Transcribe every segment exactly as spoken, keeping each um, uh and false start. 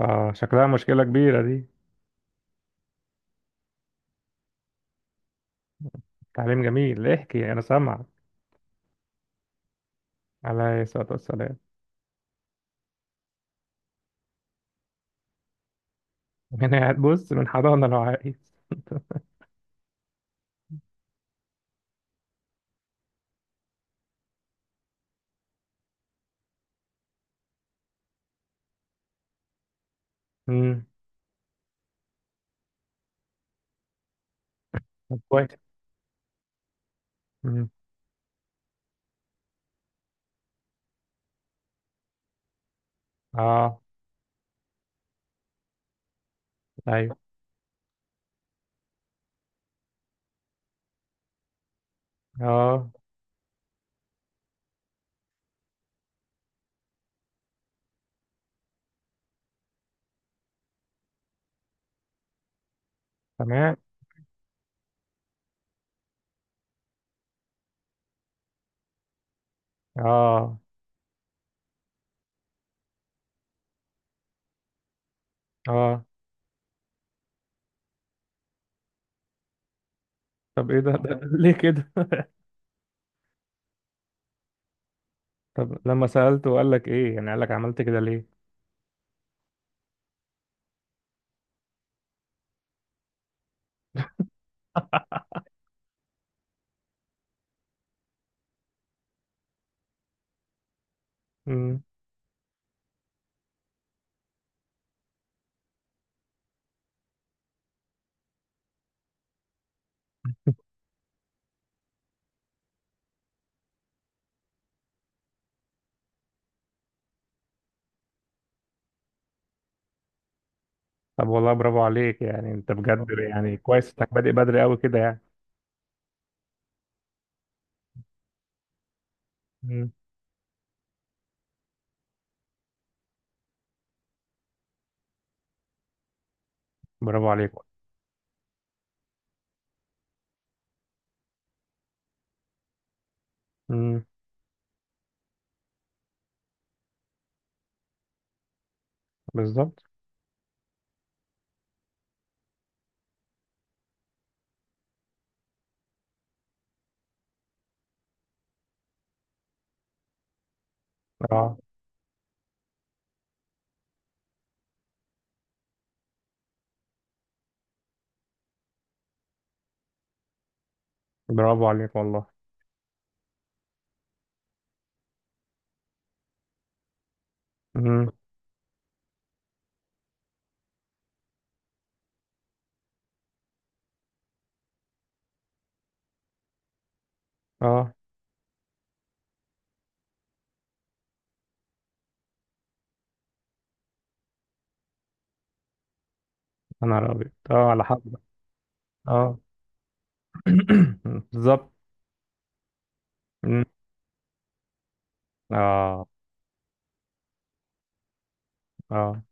اه، شكلها مشكلة كبيرة دي. تعليم جميل، احكي انا سامع. عليه الصلاة والسلام. انا قاعد بص من حضانة لو عايز. امم طب كويس. امم اه. ايوه. اه. تمام. اه. اه. طب ايه ده؟ ده ليه كده؟ طب لما سألته وقال لك ايه يعني، قال لك عملت كده ليه؟ امم طب والله برافو عليك يعني، انت بجد يعني كويس انك بادئ بدري قوي كده يعني. امم برافو عليك. امم بالظبط. اه، برافو عليك والله. امم اه، انا ابيض، اه على حق. اه. بالظبط. مم. اه. اه،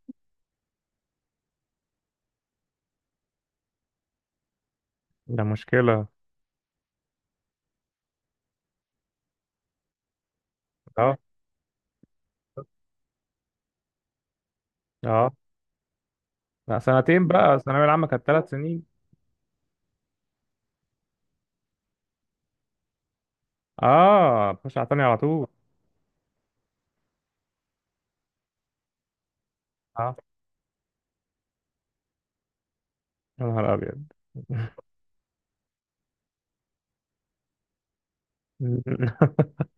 ده مشكلة. اه. اه، لا سنتين بقى، الثانوية العامة كانت ثلاث سنين. اه، خش على تاني على طول. اه، يا نهار أبيض.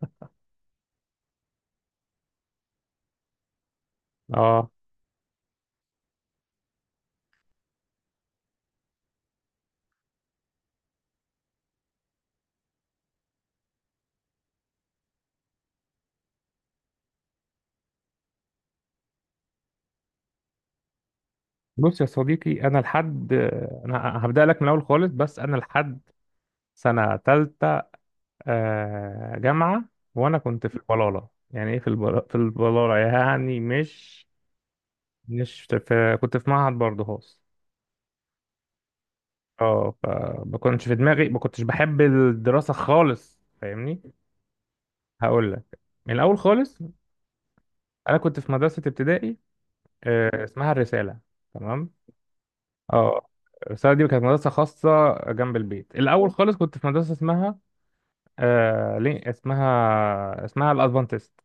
اه، بص يا صديقي، أنا لحد، أنا هبدأ لك من الأول خالص، بس أنا لحد سنة تالتة. آه، جامعة. وأنا كنت في البلالة، يعني إيه في البلالة؟ في البلالة يعني مش مش في، كنت في معهد برضه. اه، فما كنتش في دماغي، ما كنتش بحب الدراسة خالص، فاهمني. هقول لك من الأول خالص. أنا كنت في مدرسة ابتدائي، آه، اسمها الرسالة. تمام. اه، الرسالة دي كانت مدرسة خاصة جنب البيت. الأول خالص كنت في مدرسة اسمها آه، ليه اسمها اسمها الأدفانتست.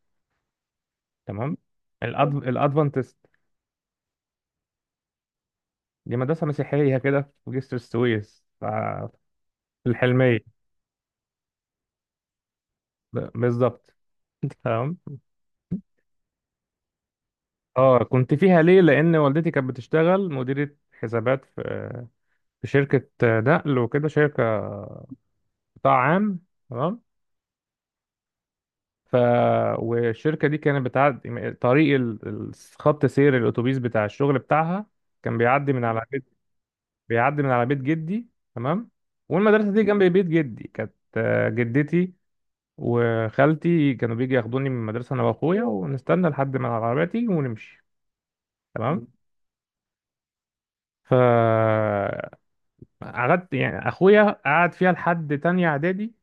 تمام. الأدف... الأدفانتست. دي مدرسة مسيحية كده في جسر السويس، ف- في الحلمية. ب- بالظبط. تمام. اه، كنت فيها ليه؟ لان والدتي كانت بتشتغل مديرة حسابات في، في شركة نقل وكده، شركة قطاع عام. تمام. ف، والشركة دي كانت بتعدي طريق ال- ال- خط سير الاتوبيس بتاع الشغل بتاعها. كان بيعدي من على بيت، بيعدي من على بيت جدي. تمام. والمدرسة دي جنب بيت جدي كانت، آه، جدتي وخالتي كانوا بيجي ياخدوني من المدرسة انا واخويا، ونستنى لحد ما العربية تيجي ونمشي. تمام. ف، قعدت يعني، اخويا قعد فيها لحد تانية اعدادي،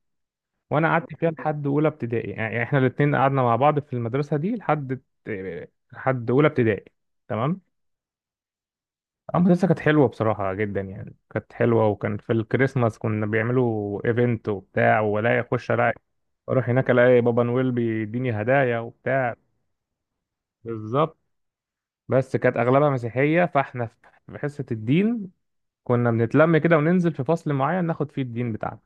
وانا قعدت فيها لحد اولى ابتدائي. يعني يعني احنا الاتنين قعدنا مع بعض في المدرسة دي لحد، لحد اولى ابتدائي. تمام. اه، المدرسة كانت حلوة بصراحة جدا، يعني كانت حلوة، وكان في الكريسماس كنا بيعملوا ايفنت وبتاع، ولا اخش الاقي، اروح هناك الاقي بابا نويل بيديني هدايا وبتاع. بالظبط. بس كانت اغلبها مسيحية، فاحنا في، في حصة الدين كنا بنتلم كده وننزل في فصل معين ناخد فيه الدين بتاعنا.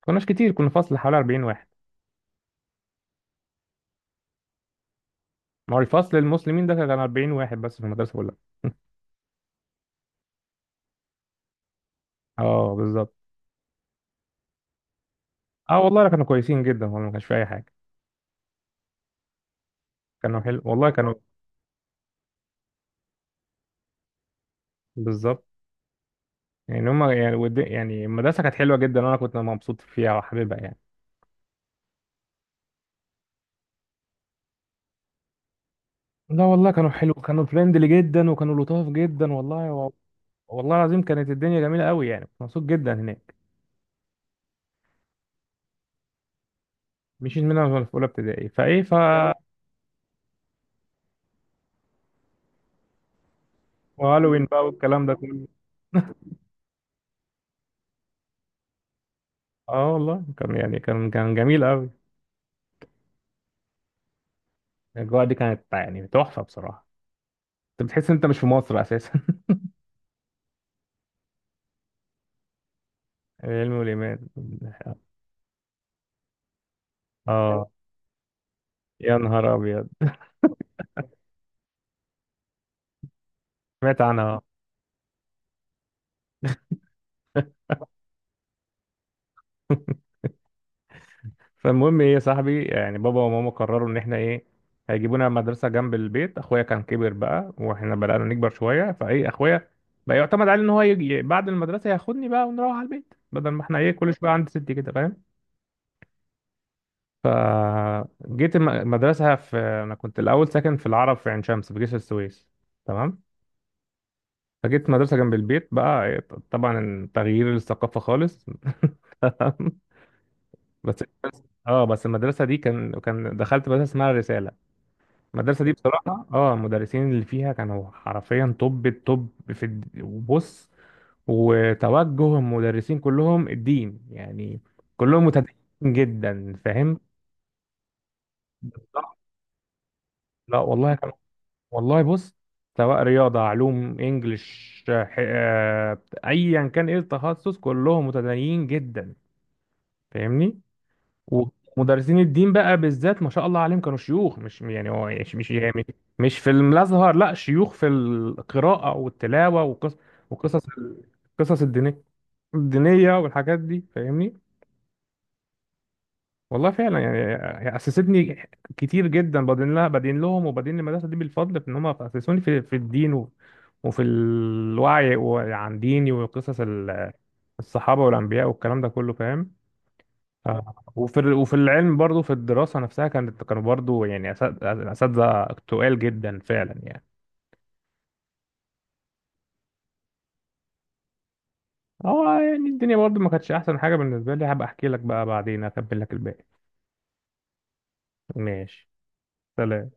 كناش كتير، كنا فصل حوالي أربعين واحد. ما هو الفصل المسلمين ده كان أربعين واحد بس في المدرسة كلها. اه بالظبط. اه والله كانوا كويسين جدا، والله ما كانش في اي حاجة. كانوا حلو والله، كانوا. بالظبط. يعني هما يعني، ود- يعني المدرسة كانت حلوة جدا وانا كنت مبسوط فيها وحاببها يعني. لا والله كانوا حلو، كانوا فريندلي جدا وكانوا لطاف جدا والله و... والله العظيم كانت الدنيا جميلة قوي، يعني كنت مبسوط جدا هناك. مشيت منها وأنا في أولى ابتدائي، فإيه ف. وهالوين بقى والكلام ده كله. اه والله كان، يعني كان، كان جميل قوي. الاجواء دي كانت يعني تحفه بصراحه. انت بتحس ان انت مش في مصر اساسا. العلم والايمان. اه، يا نهار ابيض. سمعت عنها. فالمهم ايه يا صاحبي، يعني بابا وماما قرروا ان احنا ايه، هيجيبونا مدرسه جنب البيت. اخويا كان كبر بقى، واحنا بدانا نكبر شويه، فايه، اخويا بقى يعتمد عليه ان هو يجي بعد المدرسه ياخدني بقى ونروح على البيت، بدل ما احنا ايه كل شويه عند ستي كده، فاهم؟ فجيت الم- المدرسه. في، انا كنت الاول ساكن في العرب في عين شمس في جسر السويس. تمام. فجيت مدرسة جنب البيت بقى. طبعا تغيير الثقافة خالص. بس، اه بس المدرسة دي كان كان، دخلت مدرسة اسمها الرسالة. المدرسة دي بصراحة، اه، المدرسين اللي فيها كانوا حرفيا توب التوب في الد- وبص، وتوجه المدرسين كلهم الدين يعني، كلهم متدينين جدا، فاهم؟ بالظبط. لا والله كانوا، والله بص، سواء رياضة علوم انجلش ح- آه، ايا كان ايه التخصص، كلهم متدينين جدا، فاهمني؟ ومدرسين الدين بقى بالذات ما شاء الله عليهم، كانوا شيوخ، مش يعني هو مش مش يعني مش في الازهر، لا شيوخ في القراءه والتلاوه والقصص، وقصص القصص الدينيه، الدينيه والحاجات دي، فاهمني؟ والله فعلا يعني، هي اسستني كتير جدا، بدين لها، بدين لهم، وبدين المدرسه دي بالفضل في ان هم اسسوني في، في الدين و، وفي الوعي عن ديني وقصص ال- الصحابه والانبياء والكلام ده كله، فاهم؟ آه. وفي ال- وفي العلم برضو، في الدراسة نفسها كانت، كانوا برضو يعني أسا- أساتذة تقال جدا فعلا يعني. هو يعني الدنيا برضو ما كانتش أحسن حاجة بالنسبة لي، هبقى أحكي لك بقى بعدين، أكمل لك الباقي. ماشي، سلام.